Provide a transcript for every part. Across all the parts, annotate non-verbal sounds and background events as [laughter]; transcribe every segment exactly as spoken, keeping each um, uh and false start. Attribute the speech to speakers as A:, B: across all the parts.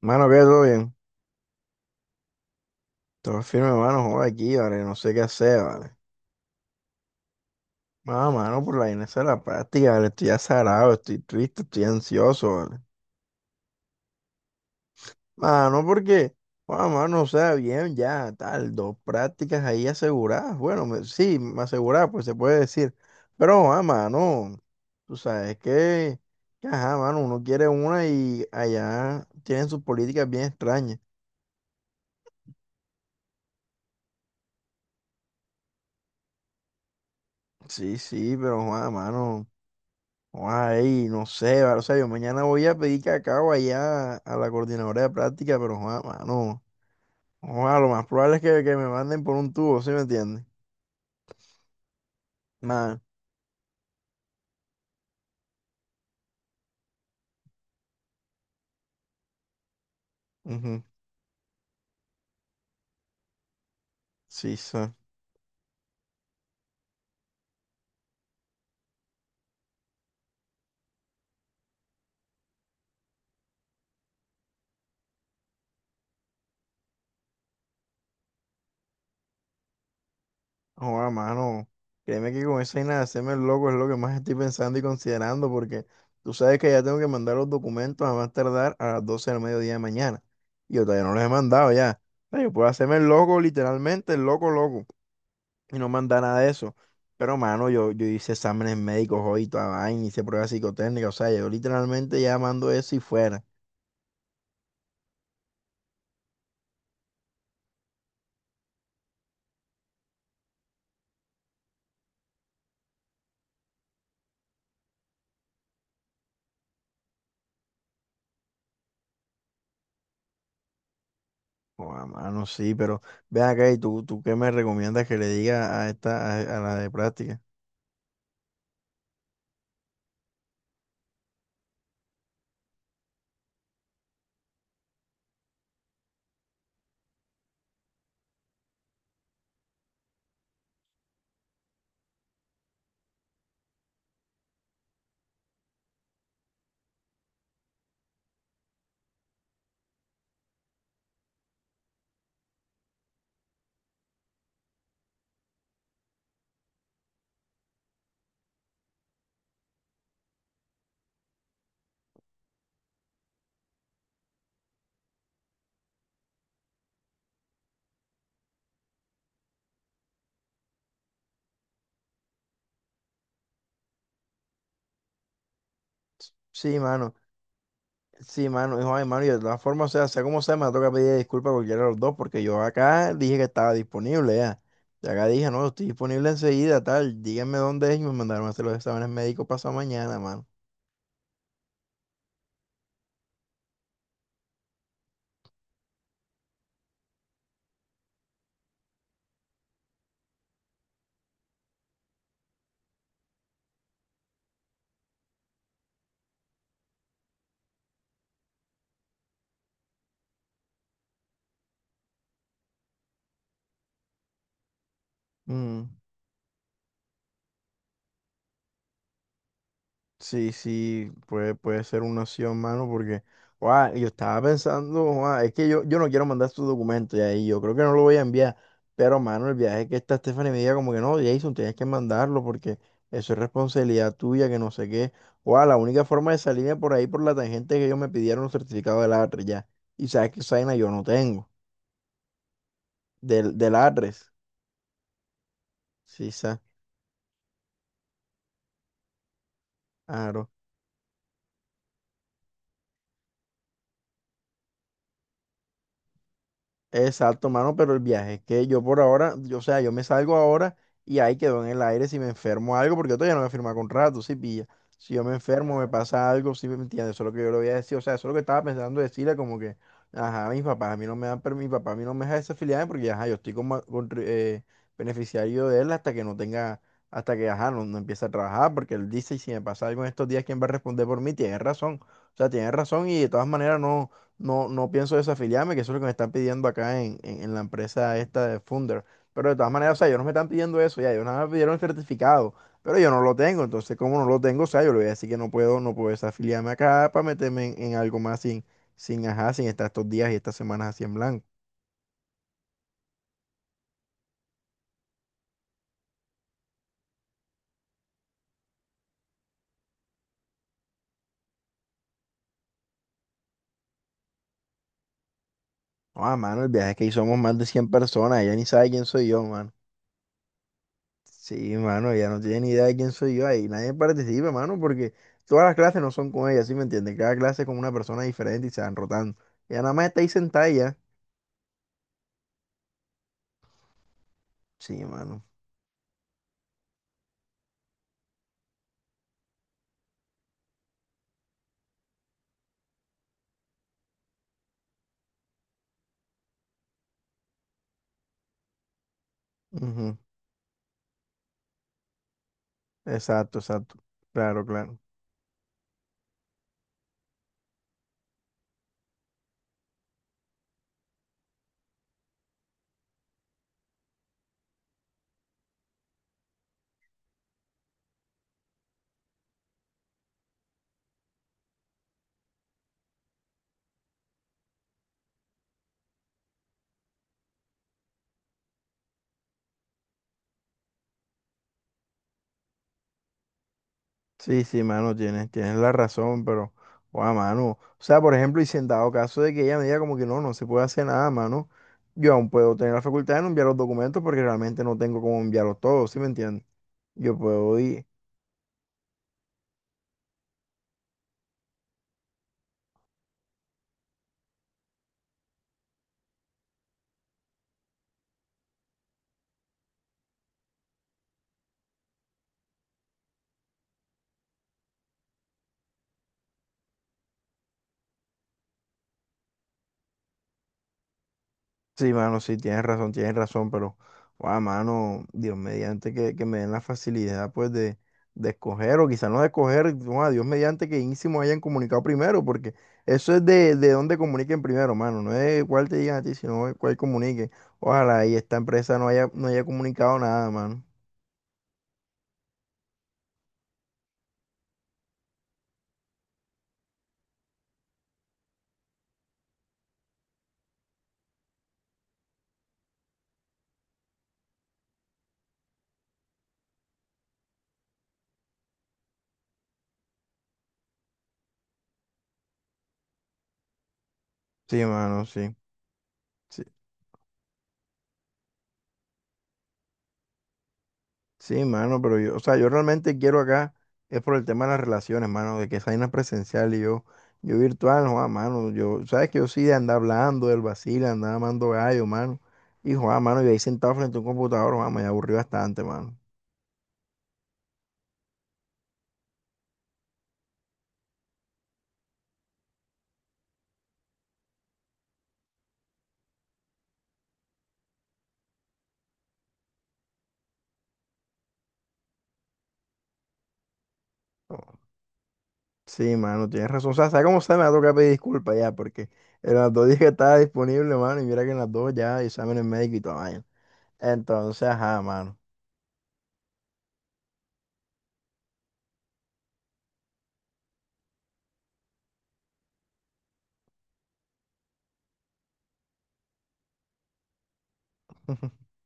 A: Mano, que, ¿todo bien? Todo firme, mano, joder, aquí, vale, no sé qué hacer, vale. Mano, mano, por la vaina esa de la práctica, vale, estoy azarado, estoy triste, estoy ansioso, vale. Mano, porque, bueno, mano, o sea, bien, ya, tal, dos prácticas ahí aseguradas, bueno, me- sí, me aseguradas, pues se puede decir, pero, ah, mano, tú sabes que, que, ajá, mano, uno quiere una y allá tienen sus políticas bien extrañas. Sí, sí, pero, ah, mano. Ay, no sé, va, o sea, yo mañana voy a pedir cacao allá a la coordinadora de práctica, pero joda, mano, joda, lo más probable es que, que me manden por un tubo, ¿sí me entiendes? Nada, ujú, sí, sí, joda, mano, créeme que con esa vaina de hacerme el loco es lo que más estoy pensando y considerando, porque tú sabes que ya tengo que mandar los documentos a más tardar a las doce del mediodía de mañana, y yo todavía no los he mandado ya. O sea, yo puedo hacerme el loco, literalmente, el loco, loco. Y no manda nada de eso. Pero, mano, yo, yo hice exámenes médicos hoy, y toda vaina, hice pruebas psicotécnicas, o sea, yo literalmente ya mando eso y fuera. Joda, mano, sí, pero ven acá y tú, tú qué me recomiendas que le diga a esta, a, a la de práctica. Sí, mano, sí, mano, hijo, ay, mano, y de todas formas, o sea, sea como sea, me toca pedir disculpas a cualquiera de los dos, porque yo acá dije que estaba disponible ya. Y acá dije, no, estoy disponible enseguida, tal, díganme dónde es y me mandaron a hacer los exámenes médicos pasado mañana, mano. Mm. Sí, sí, puede, puede ser una opción, mano, porque, guau, yo estaba pensando, guau, es que yo, yo no quiero mandar su documentos y ahí yo creo que no lo voy a enviar, pero, mano, el viaje que está Stephanie me diga como que no, Jason, tienes que mandarlo porque eso es responsabilidad tuya, que no sé qué, guau, la única forma de salirme por ahí por la tangente es que ellos me pidieron un certificado de A T R E S ya, y sabes que esa vaina yo no tengo, del, del A T R E S, sí, sabes. Exacto, mano, pero el viaje es que yo por ahora, yo, o sea, yo me salgo ahora y ahí quedo en el aire si me enfermo algo, porque yo todavía no me firma contrato, ¿sí pilla? Si yo me enfermo, me pasa algo, ¿sí me entiendes? Eso es lo que yo le voy a decir, o sea, eso es lo que estaba pensando decirle, como que, ajá, mis papás a mí no me dan, per- mi papá a mí no me deja desafiliarme porque, ajá, yo estoy como contri- eh, beneficiario de él hasta que no tenga, hasta que, ajá, no, no empiece a trabajar, porque él dice, y si me pasa algo en estos días, ¿quién va a responder por mí? Tiene razón, o sea, tiene razón y de todas maneras no. No, no pienso desafiliarme, que eso es lo que me están pidiendo acá en, en, en la empresa esta de Funder. Pero de todas maneras, o sea, ellos no me están pidiendo eso, ya, ellos nada más me pidieron el certificado, pero yo no lo tengo. Entonces, como no lo tengo, o sea, yo le voy a decir que no puedo, no puedo desafiliarme acá para meterme en, en algo más sin, sin, ajá, sin estar estos días y estas semanas así en blanco. No, ah, mano, el viaje es que hicimos más de cien personas, ella ni sabe quién soy yo, mano. Sí, mano, ella no tiene ni idea de quién soy yo ahí. Nadie participa, mano, porque todas las clases no son con ella, ¿sí me entiendes? Cada clase es con una persona diferente y se van rotando. Ella nada más está ahí sentada y ya. Sí, mano. Ujú. Exacto, exacto. Claro, claro. Sí, sí, mano, tienes, tienes la razón, pero, guau, mano. O sea, por ejemplo, y si en dado caso de que ella me diga como que no, no se puede hacer nada, mano, yo aún puedo tener la facultad de no enviar los documentos porque realmente no tengo cómo enviarlos todos, ¿sí me entiendes? Yo puedo ir. Sí, mano, sí, tienes razón, tienes razón, pero, guau, mano, Dios mediante que, que me den la facilidad, pues, de, de escoger, o quizás no de escoger, guau, Dios mediante que Ínsimo hayan comunicado primero, porque eso es de, de dónde comuniquen primero, mano, no es cuál te digan a ti, sino de cuál comunique. Ojalá y esta empresa no haya, no haya comunicado nada, mano. Sí, mano, sí. Sí. Sí, mano, pero yo, o sea, yo realmente quiero acá, es por el tema de las relaciones, mano, de que esa vaina es presencial y yo, yo virtual, no, mano, yo, sabes que yo sí de andar hablando del vacile, andar amando gallo, mano, y Juan, mano, y ahí sentado frente a un computador, Juan, me aburrí bastante, mano. Oh, sí, mano, tienes razón, o sea, ¿sabes cómo se me va a tocar pedir disculpas ya? Porque en las dos días que estaba disponible, mano, y mira que en las dos ya exámenes médicos y toda vaina. Entonces, ajá, mano. [laughs]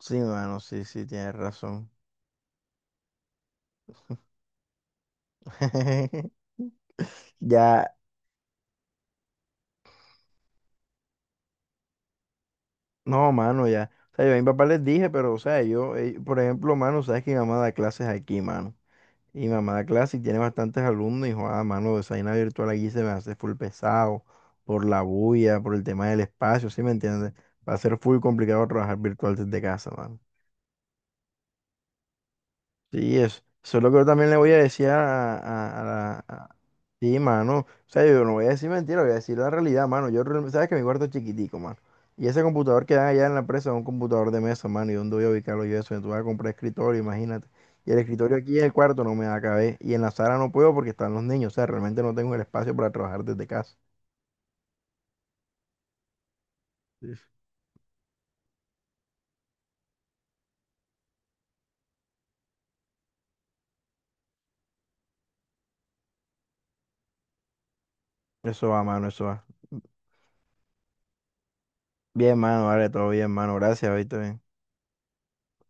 A: Sí, mano, sí, sí, tienes razón. [laughs] Ya. No, mano, ya. O sea, yo a mi papá les dije, pero, o sea, yo, eh, por ejemplo, mano, sabes que mi mamá da clases aquí, mano. Y mi mamá da clases y tiene bastantes alumnos. Y, joder, mano, esa vaina virtual aquí se me hace full pesado por la bulla, por el tema del espacio, ¿sí me entiendes? Va a ser full complicado trabajar virtual desde casa, mano. Sí, eso. Eso es lo que yo también le voy a decir a, a, Sí, mano. O sea, yo no voy a decir mentira, voy a decir la realidad, mano. Yo, real- sabes que mi cuarto es chiquitico, mano. Y ese computador que dan allá en la empresa es un computador de mesa, mano. ¿Y dónde voy a ubicarlo yo eso? Entonces voy a comprar escritorio, imagínate. Y el escritorio aquí en el cuarto no me da caber. Y en la sala no puedo porque están los niños. O sea, realmente no tengo el espacio para trabajar desde casa. Sí. Eso va, mano, eso va. Bien, mano, vale, todo bien, mano. Gracias, ahorita bien.